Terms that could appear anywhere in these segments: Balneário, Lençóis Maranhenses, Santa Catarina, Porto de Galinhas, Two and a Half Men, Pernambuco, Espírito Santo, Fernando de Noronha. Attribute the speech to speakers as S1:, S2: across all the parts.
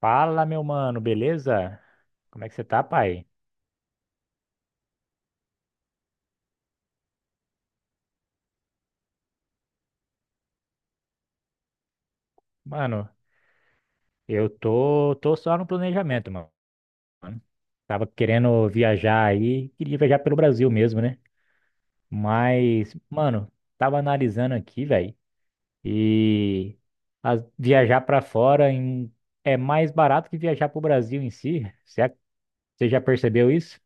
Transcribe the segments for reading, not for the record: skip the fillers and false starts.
S1: Fala, meu mano, beleza? Como é que você tá, pai? Mano, eu tô só no planejamento, mano. Tava querendo viajar aí, queria viajar pelo Brasil mesmo, né? Mas, mano, tava analisando aqui, velho, e viajar pra fora é mais barato que viajar pro Brasil em si. Você já percebeu isso?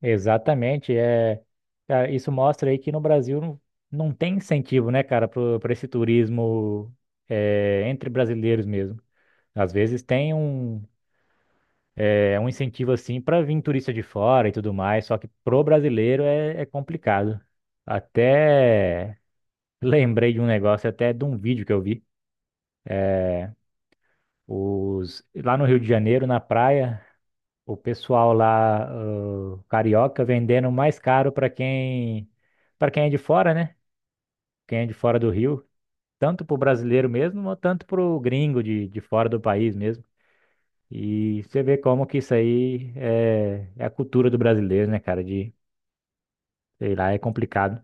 S1: Exatamente, isso mostra aí que no Brasil não tem incentivo, né, cara, para esse turismo entre brasileiros mesmo. Às vezes tem um incentivo assim para vir turista de fora e tudo mais, só que pro brasileiro é complicado. Até lembrei de um negócio, até de um vídeo que eu vi. Os, lá no Rio de Janeiro, na praia, o pessoal lá, ah, carioca, vendendo mais caro para quem é de fora, né? Quem é de fora do Rio, tanto pro brasileiro mesmo, ou tanto pro gringo de fora do país mesmo. E você vê como que isso aí é a cultura do brasileiro, né, cara? De, sei lá, é complicado.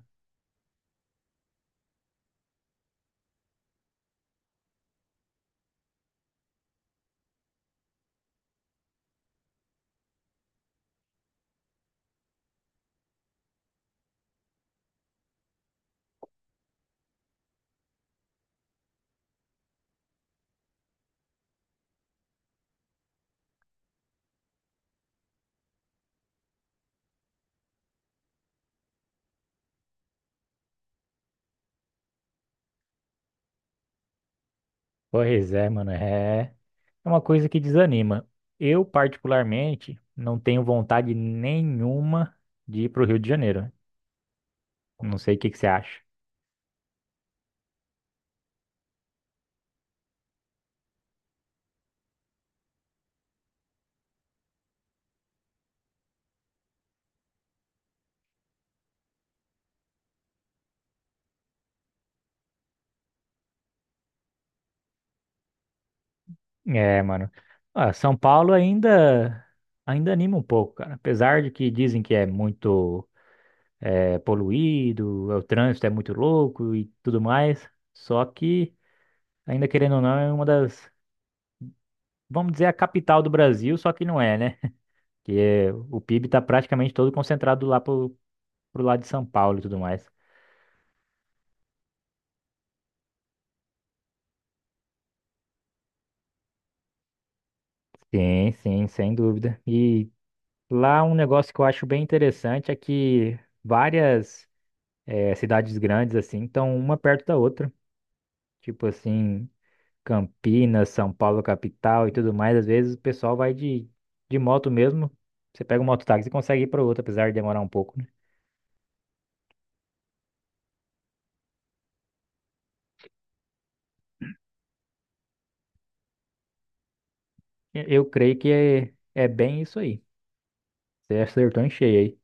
S1: Pois é, mano, é uma coisa que desanima. Eu, particularmente, não tenho vontade nenhuma de ir pro Rio de Janeiro, né? Não sei o que que você acha. É, mano. Ah, São Paulo ainda anima um pouco, cara. Apesar de que dizem que é muito poluído, o trânsito é muito louco e tudo mais. Só que, ainda querendo ou não, é uma das, vamos dizer, a capital do Brasil, só que não é, né? O PIB está praticamente todo concentrado lá pro lado de São Paulo e tudo mais. Sim, sim, sem dúvida. E lá um negócio que eu acho bem interessante é que várias cidades grandes, assim, estão uma perto da outra. Tipo assim. Campinas, São Paulo, capital e tudo mais, às vezes o pessoal vai de moto mesmo. Você pega um mototáxi e consegue ir para outro, apesar de demorar um pouco, né? Eu creio que é bem isso aí. Você acertou em cheio aí.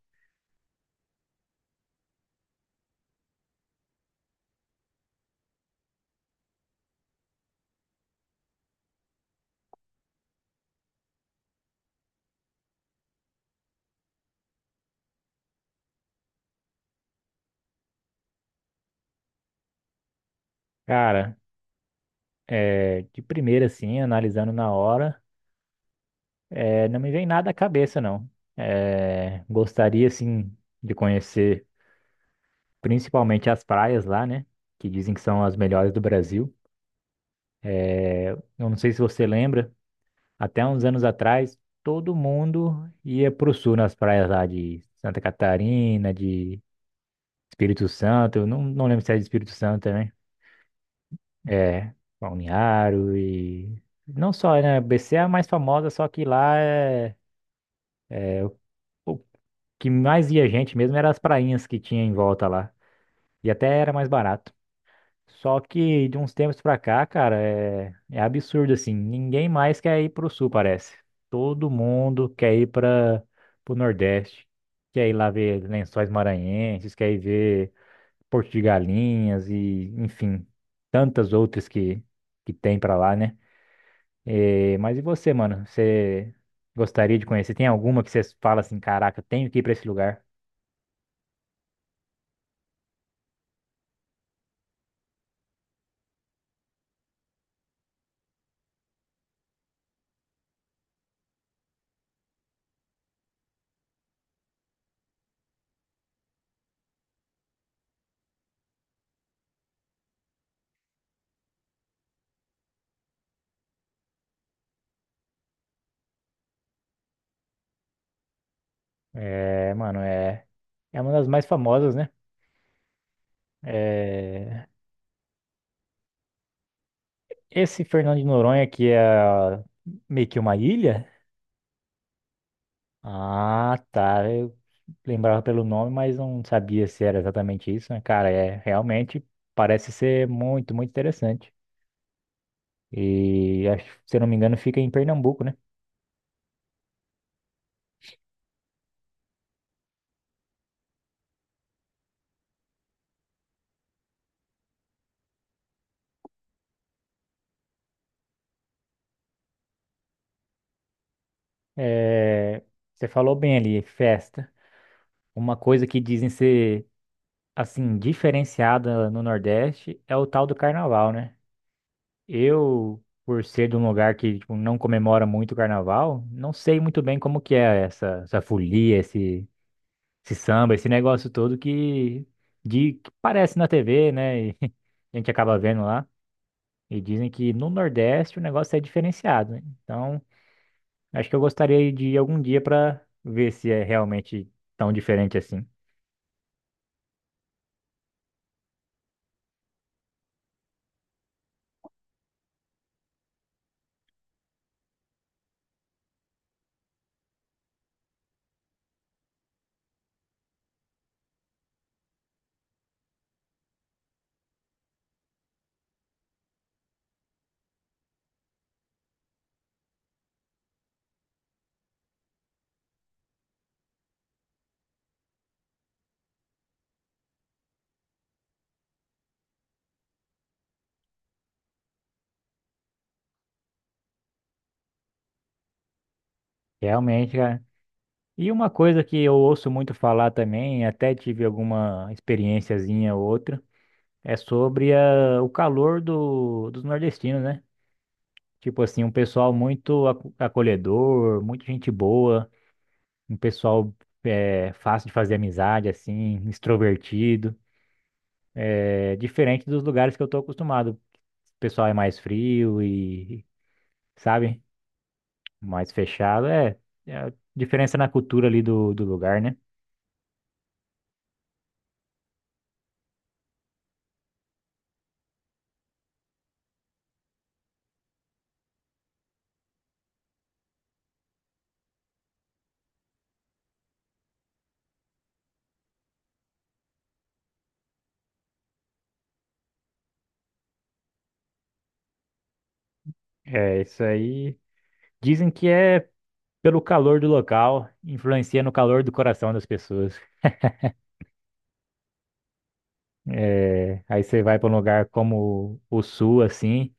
S1: Cara, é, de primeira, assim, analisando na hora, é, não me vem nada à cabeça, não. É, gostaria, assim, de conhecer principalmente as praias lá, né? Que dizem que são as melhores do Brasil. Eu não sei se você lembra. Até uns anos atrás, todo mundo ia pro sul nas praias lá de Santa Catarina, de Espírito Santo. Eu não, não lembro se era de Espírito Santo também. É, Balneário e. Não só, né? BC é a mais famosa, só que lá é. é O o que mais ia gente mesmo era as prainhas que tinha em volta lá. E até era mais barato. Só que de uns tempos pra cá, cara, é, é absurdo assim. Ninguém mais quer ir pro sul, parece. Todo mundo quer ir para pro Nordeste. Quer ir lá ver Lençóis Maranhenses, quer ir ver Porto de Galinhas e, enfim, tantas outras que tem pra lá, né? É, mas e você, mano? Você gostaria de conhecer? Tem alguma que você fala assim, caraca, tenho que ir pra esse lugar? É, mano, é uma das mais famosas, né? É, esse Fernando de Noronha que é meio que uma ilha? Ah, tá. Eu lembrava pelo nome, mas não sabia se era exatamente isso, né? Cara, é realmente parece ser muito, muito interessante. E acho, se eu não me engano, fica em Pernambuco, né? É, você falou bem ali, festa. Uma coisa que dizem ser assim diferenciada no Nordeste é o tal do carnaval, né? Eu, por ser de um lugar que tipo, não comemora muito o carnaval, não sei muito bem como que é essa, essa folia, esse samba, esse negócio todo que, de, que parece na TV, né? E a gente acaba vendo lá. E dizem que no Nordeste o negócio é diferenciado, né? Então, acho que eu gostaria de ir algum dia para ver se é realmente tão diferente assim. Realmente, cara. E uma coisa que eu ouço muito falar também, até tive alguma experiênciazinha ou outra é sobre o calor dos nordestinos, né? Tipo assim, um pessoal muito acolhedor, muito gente boa, um pessoal fácil de fazer amizade, assim, extrovertido. É diferente dos lugares que eu tô acostumado. O pessoal é mais frio e, sabe, mais fechado. É, é a diferença na cultura ali do lugar, né? É, isso aí. Dizem que é pelo calor do local, influencia no calor do coração das pessoas. É, aí você vai para um lugar como o sul, assim,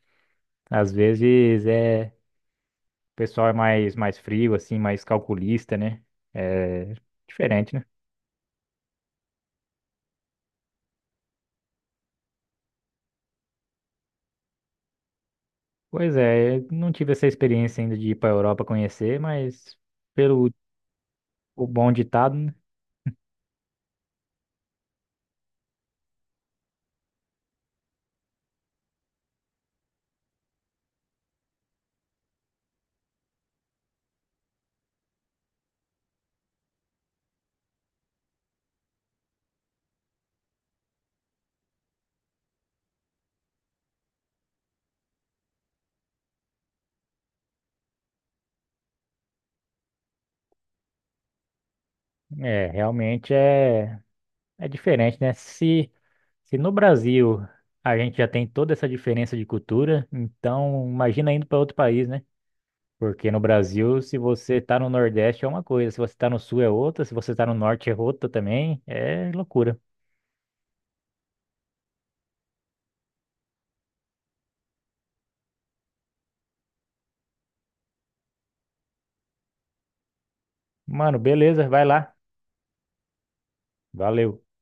S1: às vezes o pessoal é mais frio, assim, mais calculista, né? É diferente, né? Pois é, eu não tive essa experiência ainda de ir para a Europa conhecer, mas pelo o bom ditado, né? É, realmente é diferente, né? Se no Brasil a gente já tem toda essa diferença de cultura, então imagina indo para outro país, né? Porque no Brasil, se você tá no Nordeste é uma coisa, se você tá no Sul é outra, se você tá no Norte é outra também. É loucura. Mano, beleza, vai lá. Valeu.